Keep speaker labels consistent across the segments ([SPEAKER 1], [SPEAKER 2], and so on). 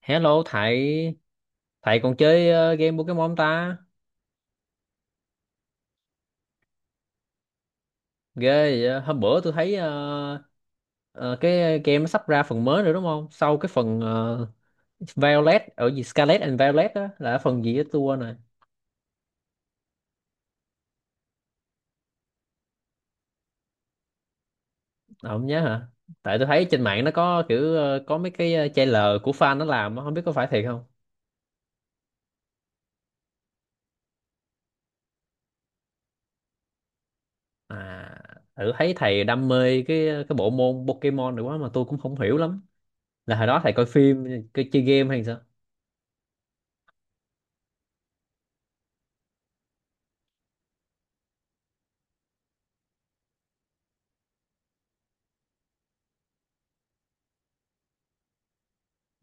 [SPEAKER 1] Hello thầy, thầy còn chơi game Pokemon không ta? Ghê vậy á. Hôm bữa tôi thấy ờ, cái game nó sắp ra phần mới rồi đúng không? Sau cái phần Violet ở gì Scarlet and Violet á là phần gì á tôi quên rồi. Ờ, không nhớ hả? Tại tôi thấy trên mạng nó có kiểu có mấy cái trailer của fan nó làm á, không biết có phải thiệt không? À, thử thấy thầy đam mê cái cái bộ môn Pokemon này quá mà tôi cũng không hiểu lắm. Là hồi đó thầy coi phim, coi chơi game hay sao?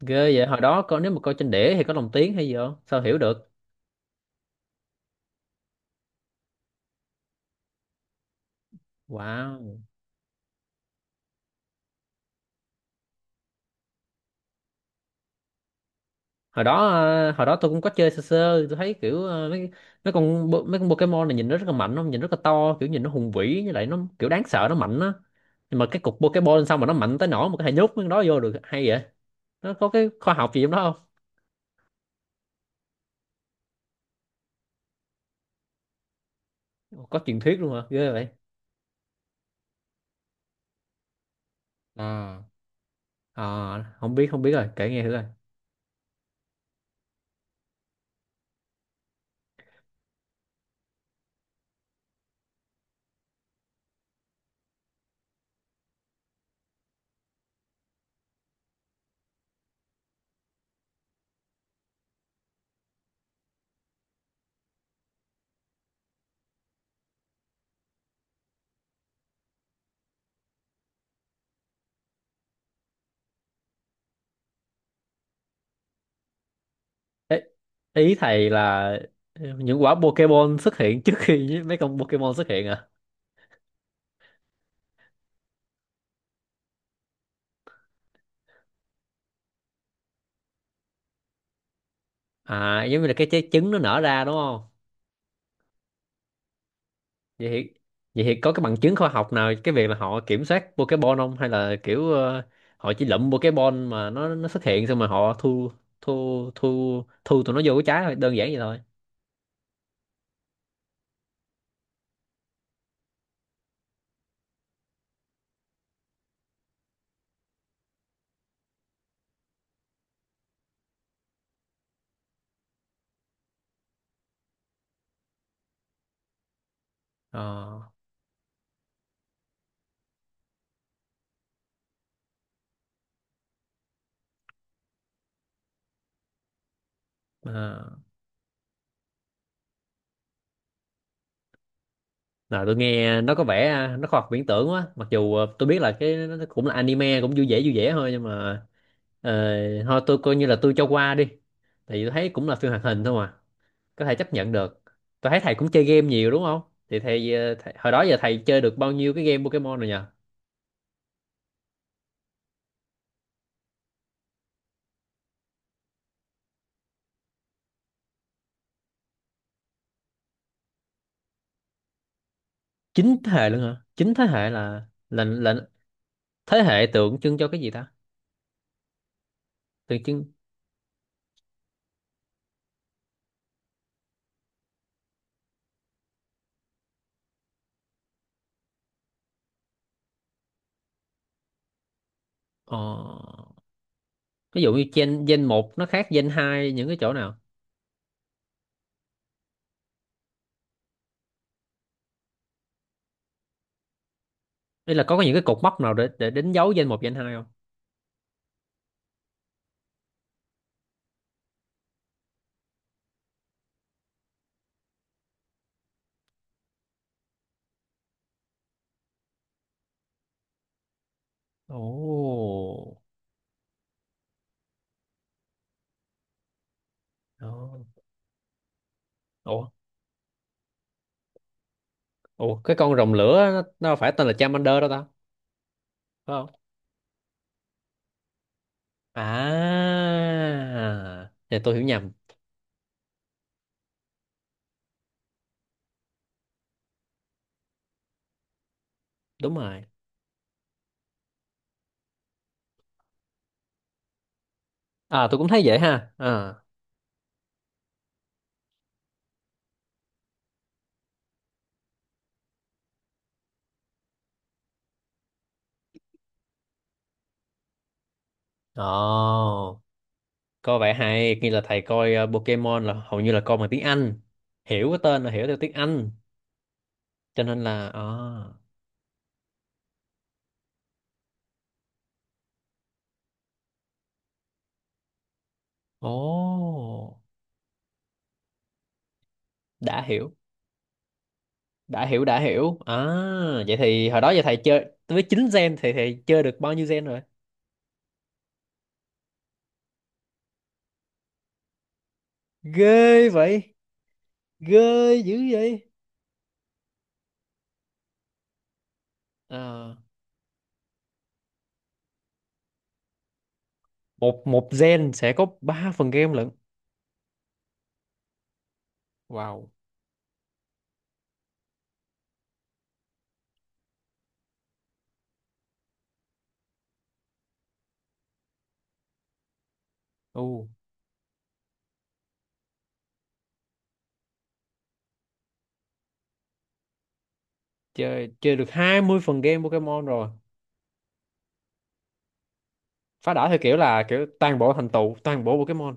[SPEAKER 1] Ghê vậy, hồi đó coi nếu mà coi trên đĩa thì có lồng tiếng hay gì không sao hiểu được. Wow, hồi đó hồi đó tôi cũng có chơi sơ sơ, tôi thấy kiểu mấy mấy con bo- mấy con Pokemon này nhìn nó rất là mạnh, không nhìn rất là to, kiểu nhìn nó hùng vĩ với lại nó kiểu đáng sợ, nó mạnh á. Nhưng mà cái cục Pokemon sao mà nó mạnh tới nỗi mà có thể nhốt mấy con đó vô được hay vậy? Nó có cái khoa học gì trong đó không? Ồ, có truyền thuyết luôn hả, ghê vậy. À, à, không biết, không biết rồi, kể nghe thử rồi. Ê, ý thầy là những quả Pokemon xuất hiện trước khi mấy con Pokemon xuất hiện à? À giống như là cái trái trứng nó nở ra đúng không? Vậy thì, vậy thì có cái bằng chứng khoa học nào cái việc là họ kiểm soát Pokemon không, hay là kiểu họ chỉ lụm Pokemon mà nó xuất hiện xong mà họ thu, thu tụi nó vô cái trái thôi, đơn giản vậy thôi. Ờ, à. Nào tôi nghe nó có vẻ nó khoa học viễn tưởng quá, mặc dù tôi biết là cái nó cũng là anime cũng vui vẻ thôi nhưng mà ờ, thôi tôi coi như là tôi cho qua đi, tại vì tôi thấy cũng là phim hoạt hình thôi mà, có thể chấp nhận được. Tôi thấy thầy cũng chơi game nhiều đúng không? Thì thầy, thầy hồi đó giờ thầy chơi được bao nhiêu cái game Pokemon rồi nhờ? Chín thế hệ luôn hả, chín thế hệ là là thế hệ tượng trưng cho cái gì ta? Tượng trưng. Ờ... ví dụ như gen gen một nó khác gen hai những cái chỗ nào? Đây là có những cái cột mốc nào để đánh dấu gen một gen 2 không? Ồ. Ồ. Ủa, ủa, cái con rồng lửa nó phải tên là Charmander đó ta, phải không? À, thì tôi hiểu nhầm. Đúng rồi. À tôi cũng thấy vậy ha. À. Ồ, coi vậy hay, như là thầy coi Pokemon là hầu như là coi bằng tiếng Anh. Hiểu cái tên là hiểu theo tiếng Anh, cho nên là à. Ồ, đã hiểu, đã hiểu, đã hiểu. À, vậy thì hồi đó giờ thầy chơi với 9 gen thì thầy chơi được bao nhiêu gen rồi? Ghê vậy, ghê dữ vậy. À, một một gen sẽ có 3 phần game lận. Wow. Ồ, chơi, chơi được 20 phần game Pokemon rồi. Phá đảo theo kiểu là kiểu toàn bộ thành tựu toàn bộ Pokemon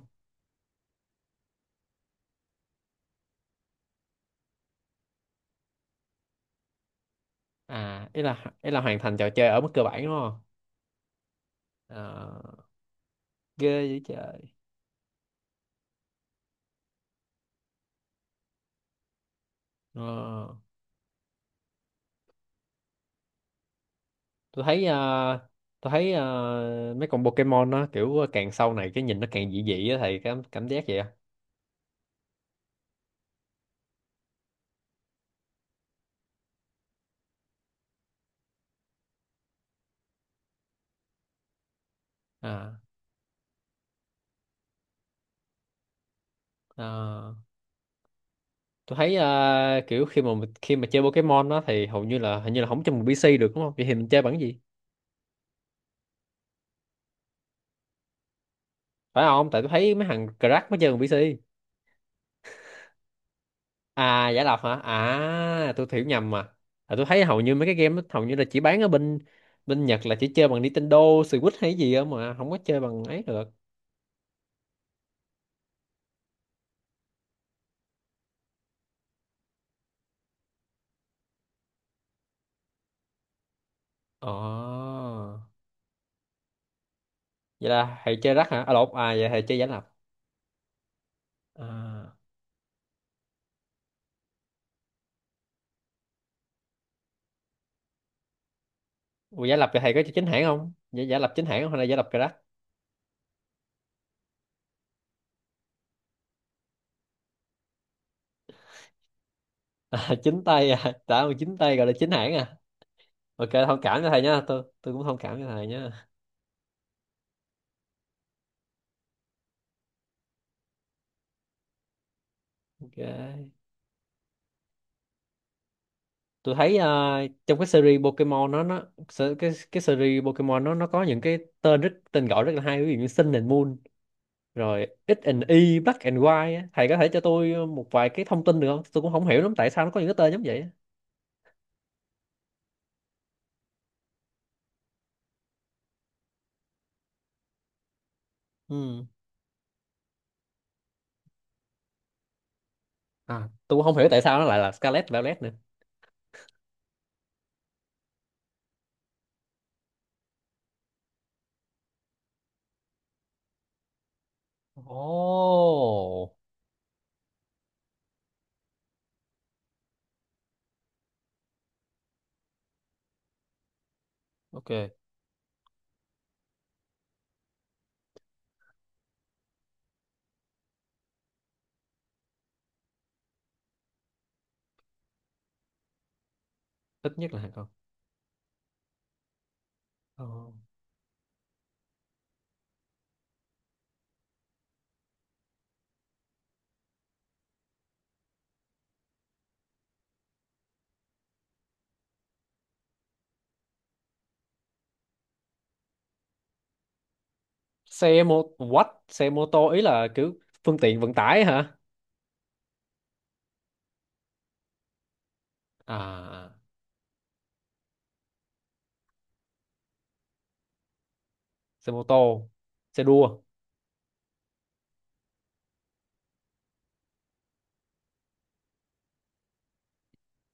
[SPEAKER 1] à? Ý là, ý là hoàn thành trò chơi ở mức cơ bản đúng không? Ờ, ghê vậy trời. Ờ, tôi thấy tôi thấy mấy con Pokemon nó kiểu càng sau này cái nhìn nó càng dị dị á, thầy cảm, cảm giác vậy á. À ờ, tôi thấy kiểu khi mà khi mà chơi Pokemon đó thì hầu như là hình như là không chơi bằng PC được đúng không, vậy thì mình chơi bằng cái gì? Phải không, tại tôi thấy mấy thằng crack mới chơi bằng PC. À giải độc hả? À tôi hiểu nhầm mà. À, tôi thấy hầu như mấy cái game đó, hầu như là chỉ bán ở bên, bên Nhật là chỉ chơi bằng Nintendo, Switch hay gì không mà không có chơi bằng ấy được. Ồ. Vậy là thầy chơi rắc hả? À lộn, à vậy thầy chơi giải lập. À. Ủa, giải lập thì thầy có chơi chính hãng không? Giải, giải lập chính hãng không hay là giải lập cà rắc? À, chính tay à, đã mà chính tay gọi là chính hãng à. Ok, thông cảm cho thầy nha, tôi cũng thông cảm cho thầy nha. Ok. Tôi thấy trong cái series Pokemon cái series Pokemon nó có những cái tên rất tên gọi rất là hay, ví dụ như Sun and Moon rồi X and Y Black and White á. Thầy có thể cho tôi một vài cái thông tin được không, tôi cũng không hiểu lắm tại sao nó có những cái tên giống vậy á. Ừ. À tôi cũng không hiểu tại sao nó lại là Scarlet Violet nữa. Ồ, ok, ít nhất là 2 con. Ờ. Xe mô what, xe mô tô ý là kiểu phương tiện vận tải hả? À, à, xe mô tô xe đua.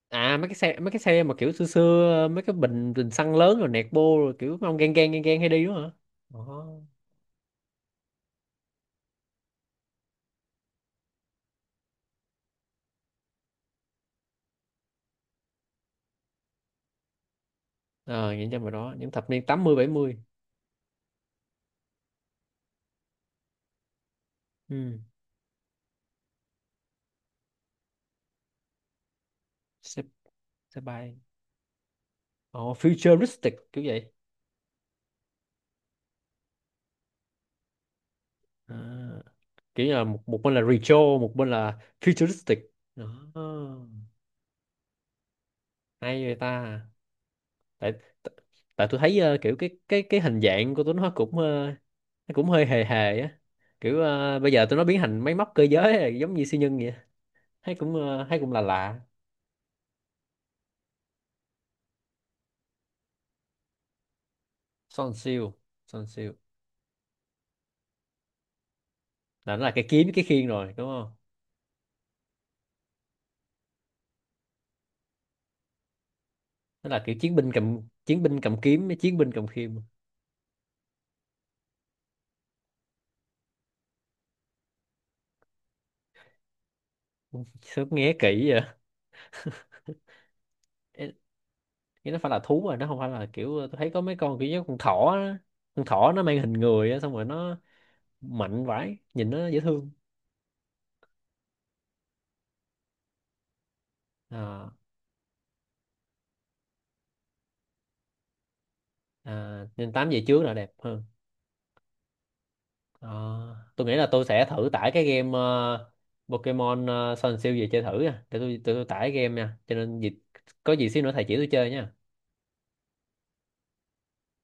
[SPEAKER 1] À mấy cái xe, mấy cái xe mà kiểu xưa xưa mấy cái bình, bình xăng lớn rồi nẹt bô rồi kiểu mấy ông gang gang gang gang hay đi đúng không hả? Ồ. Ờ những trong đó những thập niên 80 70. Ừ. Xe, xe bay. Ồ, futuristic kiểu vậy. À. Kiểu như là một, một bên là retro một bên là futuristic đó. Hay vậy ta. Tại tại tại tôi thấy kiểu cái hình dạng của tụi nó cũng nó cũng hơi hề hề á, kiểu bây giờ tụi nó biến thành máy móc cơ giới giống như siêu nhân vậy. Hay cũng hay cũng là lạ. Son siêu, son siêu là nó là cái kiếm cái khiên rồi đúng không? Nó là kiểu chiến binh cầm, chiến binh cầm kiếm với chiến binh cầm khiên. Sớm nghe kỹ vậy. Ê, cái nó phải là thú rồi, nó không phải là kiểu tôi thấy có mấy con kiểu như con thỏ á. Con thỏ nó mang hình người á, xong rồi nó mạnh vãi, nhìn nó dễ thương. À, à, nên tám về trước là đẹp hơn. À, tôi nghĩ là tôi sẽ thử tải cái game Pokemon Sun Shield về chơi thử nha, để tôi tải game nha, cho nên dịp có gì xíu nữa thầy chỉ tôi chơi nha.